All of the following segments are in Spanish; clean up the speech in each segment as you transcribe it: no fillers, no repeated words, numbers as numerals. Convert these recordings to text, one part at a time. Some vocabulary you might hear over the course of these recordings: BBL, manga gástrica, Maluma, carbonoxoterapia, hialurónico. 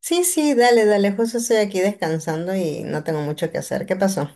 Sí, sí, dale, dale, justo estoy aquí descansando y no tengo mucho que hacer. ¿Qué pasó?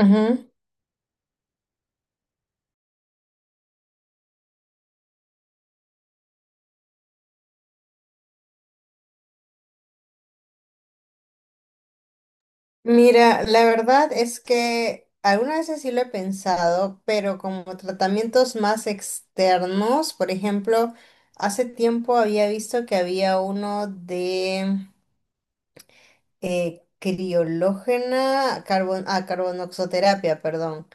Ujú. Mira, la verdad es que algunas veces sí lo he pensado, pero como tratamientos más externos, por ejemplo, hace tiempo había visto que había uno de criológena, carbon, ah, carbonoxoterapia, perdón.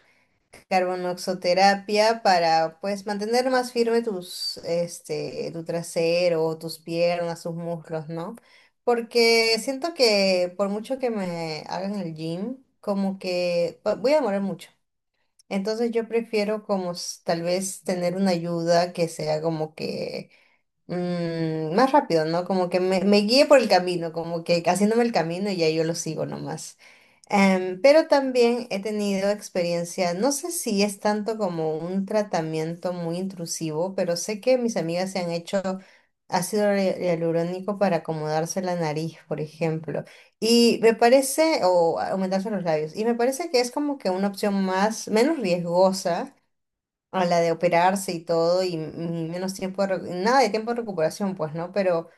Carbonoxoterapia para pues mantener más firme tus tu trasero, tus piernas, tus muslos, ¿no? Porque siento que por mucho que me hagan el gym, como que voy a demorar mucho. Entonces yo prefiero como tal vez tener una ayuda que sea como que más rápido, ¿no? Como que me guíe por el camino, como que haciéndome el camino y ya yo lo sigo nomás. Pero también he tenido experiencia, no sé si es tanto como un tratamiento muy intrusivo, pero sé que mis amigas se han hecho ácido hialurónico para acomodarse la nariz, por ejemplo, y me parece, o aumentarse los labios, y me parece que es como que una opción más, menos riesgosa a la de operarse y todo, y menos tiempo de, nada de tiempo de recuperación, pues, ¿no? Pero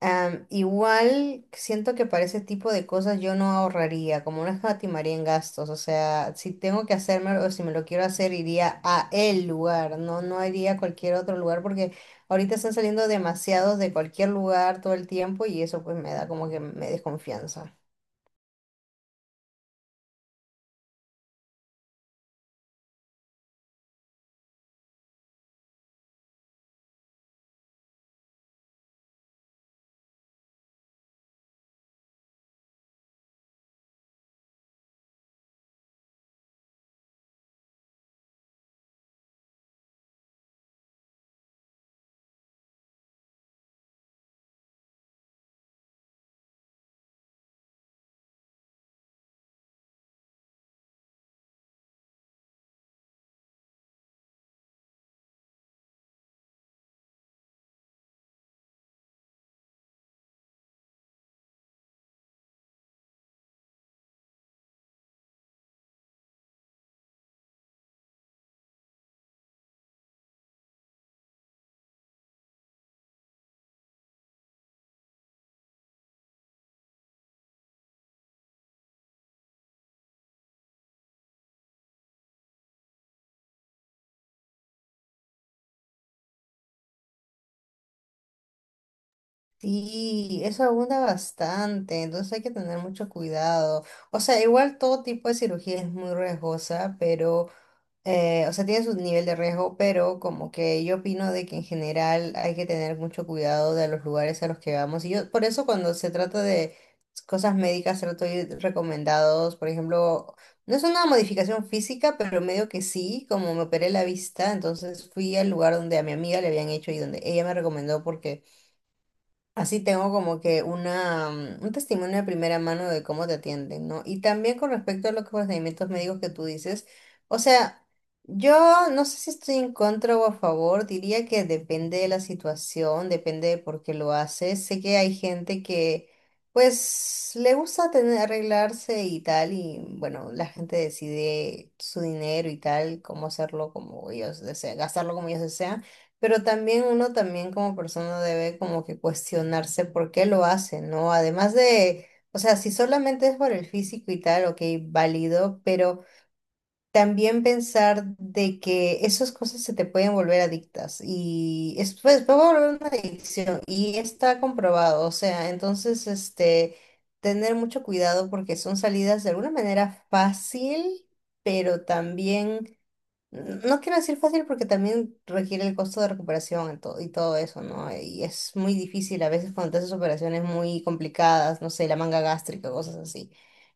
igual siento que para ese tipo de cosas yo no ahorraría, como no escatimaría en gastos, o sea, si tengo que hacerme o si me lo quiero hacer, iría a el lugar, no iría a cualquier otro lugar, porque ahorita están saliendo demasiados de cualquier lugar todo el tiempo y eso pues me da como que me desconfianza. Sí, eso abunda bastante, entonces hay que tener mucho cuidado. O sea, igual todo tipo de cirugía es muy riesgosa, pero, o sea, tiene su nivel de riesgo, pero como que yo opino de que en general hay que tener mucho cuidado de los lugares a los que vamos. Y yo, por eso cuando se trata de cosas médicas, trato de ir recomendados, por ejemplo, no es una modificación física, pero medio que sí, como me operé la vista, entonces fui al lugar donde a mi amiga le habían hecho y donde ella me recomendó porque así tengo como que una, un testimonio de primera mano de cómo te atienden, ¿no? Y también con respecto a los procedimientos médicos que tú dices, o sea, yo no sé si estoy en contra o a favor, diría que depende de la situación, depende de por qué lo haces. Sé que hay gente que, pues, le gusta tener, arreglarse y tal, y bueno, la gente decide su dinero y tal, cómo hacerlo como ellos desean, gastarlo como ellos desean. Pero también uno también como persona debe como que cuestionarse por qué lo hace, ¿no? Además de, o sea, si solamente es por el físico y tal, ok, válido, pero también pensar de que esas cosas se te pueden volver adictas y es, pues, puede volver una adicción y está comprobado, o sea, entonces, tener mucho cuidado porque son salidas de alguna manera fácil, pero también no quiero decir fácil porque también requiere el costo de recuperación y todo eso, ¿no? Y es muy difícil a veces cuando te haces operaciones muy complicadas, no sé, la manga gástrica, cosas así.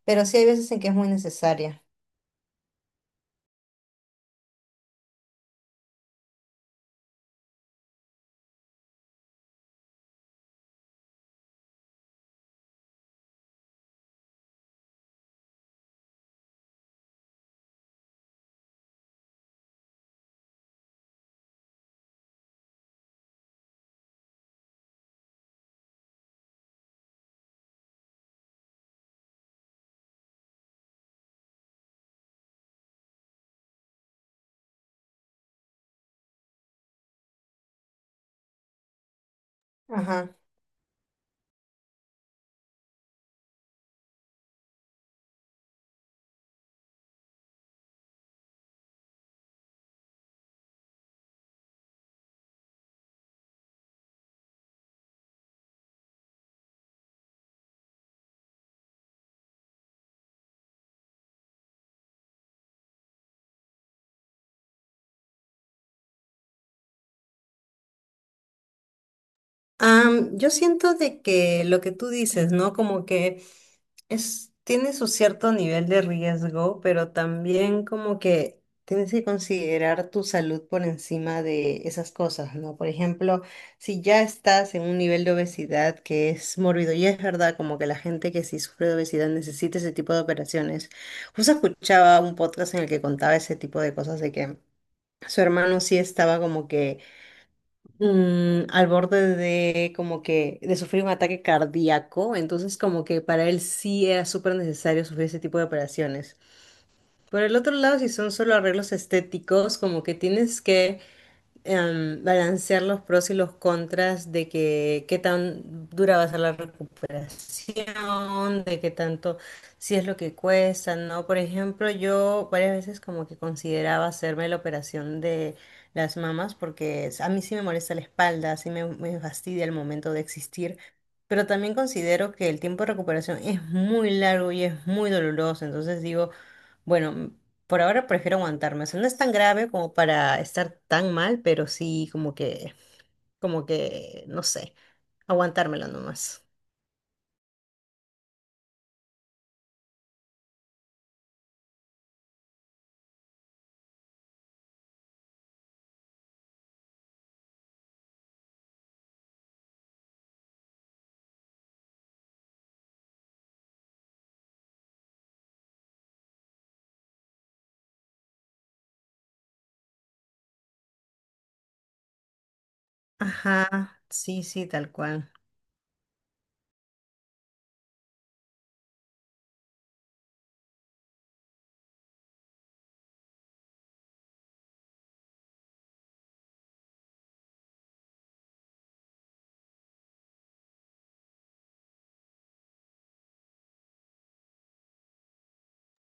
Pero sí hay veces en que es muy necesaria. Ajá. Yo siento de que lo que tú dices, ¿no? Como que es, tiene su cierto nivel de riesgo, pero también como que tienes que considerar tu salud por encima de esas cosas, ¿no? Por ejemplo, si ya estás en un nivel de obesidad que es mórbido, y es verdad como que la gente que sí sufre de obesidad necesita ese tipo de operaciones. Justo escuchaba un podcast en el que contaba ese tipo de cosas de que su hermano sí estaba como que al borde de como que de sufrir un ataque cardíaco, entonces como que para él sí era súper necesario sufrir ese tipo de operaciones. Por el otro lado, si son solo arreglos estéticos, como que tienes que balancear los pros y los contras de que qué tan dura va a ser la recuperación, de qué tanto, si es lo que cuesta, ¿no? Por ejemplo, yo varias veces como que consideraba hacerme la operación de las mamas porque a mí sí me molesta la espalda, sí me fastidia el momento de existir. Pero también considero que el tiempo de recuperación es muy largo y es muy doloroso. Entonces digo, bueno, por ahora prefiero aguantarme. O sea, no es tan grave como para estar tan mal, pero sí no sé, aguantármelo nomás. Ajá, sí, sí, tal cual.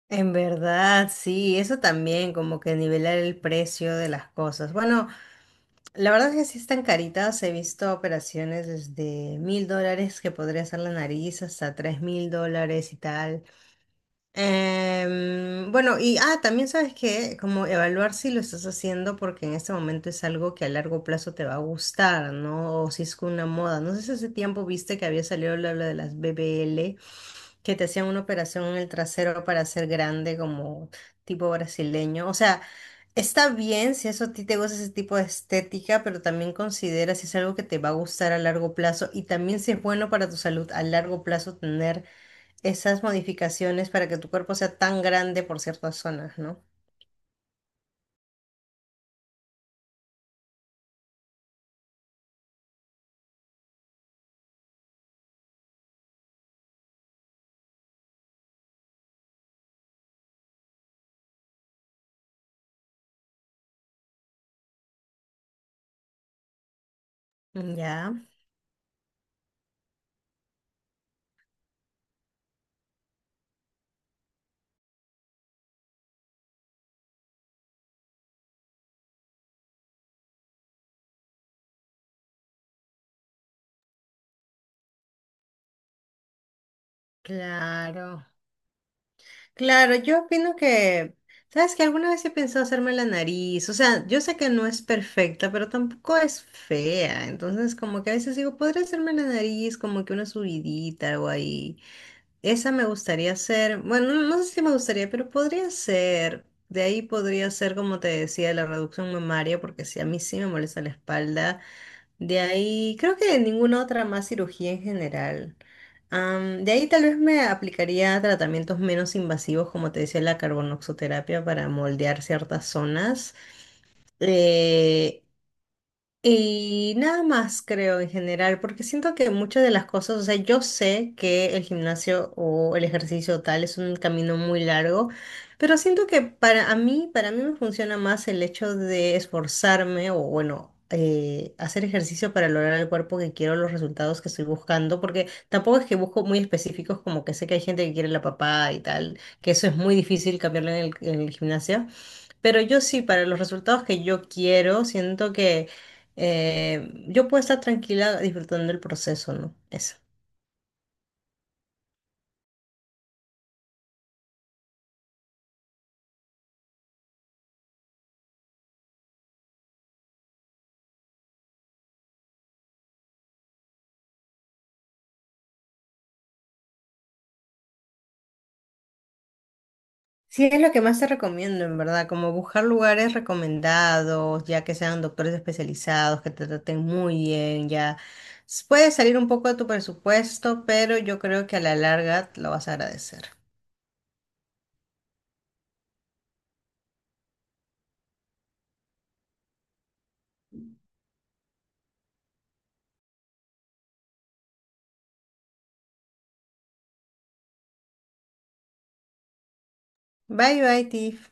En verdad, sí, eso también, como que nivelar el precio de las cosas. Bueno, la verdad es que sí están caritas. He visto operaciones desde mil dólares que podría ser la nariz hasta tres mil dólares y tal. Bueno, también sabes que como evaluar si lo estás haciendo porque en este momento es algo que a largo plazo te va a gustar, ¿no? O si es una moda. No sé si hace tiempo viste que había salido la habla de las BBL, que te hacían una operación en el trasero para ser grande como tipo brasileño. O sea, está bien si eso a ti te gusta ese tipo de estética, pero también considera si es algo que te va a gustar a largo plazo y también si es bueno para tu salud a largo plazo tener esas modificaciones para que tu cuerpo sea tan grande por ciertas zonas, ¿no? Ya, claro. Claro, yo opino que, ¿Sabes que alguna vez he pensado hacerme la nariz? O sea, yo sé que no es perfecta, pero tampoco es fea, entonces como que a veces digo, podría hacerme la nariz como que una subidita, algo ahí. Esa me gustaría hacer, bueno, no sé si me gustaría, pero podría ser. De ahí podría ser, como te decía, la reducción mamaria, porque si a mí sí me molesta la espalda. De ahí, creo que ninguna otra más cirugía en general. De ahí tal vez me aplicaría tratamientos menos invasivos, como te decía, la carbonoxoterapia para moldear ciertas zonas. Eh, y nada más creo en general, porque siento que muchas de las cosas, o sea, yo sé que el gimnasio o el ejercicio tal es un camino muy largo, pero siento que para a mí, para mí me funciona más el hecho de esforzarme o bueno, hacer ejercicio para lograr el cuerpo que quiero, los resultados que estoy buscando, porque tampoco es que busco muy específicos como que sé que hay gente que quiere la papá y tal, que eso es muy difícil cambiarlo en en el gimnasio. Pero yo sí, para los resultados que yo quiero, siento que yo puedo estar tranquila disfrutando el proceso, ¿no? Eso. Sí, es lo que más te recomiendo, en verdad, como buscar lugares recomendados, ya que sean doctores especializados, que te traten muy bien, ya. Puede salir un poco de tu presupuesto, pero yo creo que a la larga lo vas a agradecer. Bye, bye, Tiff.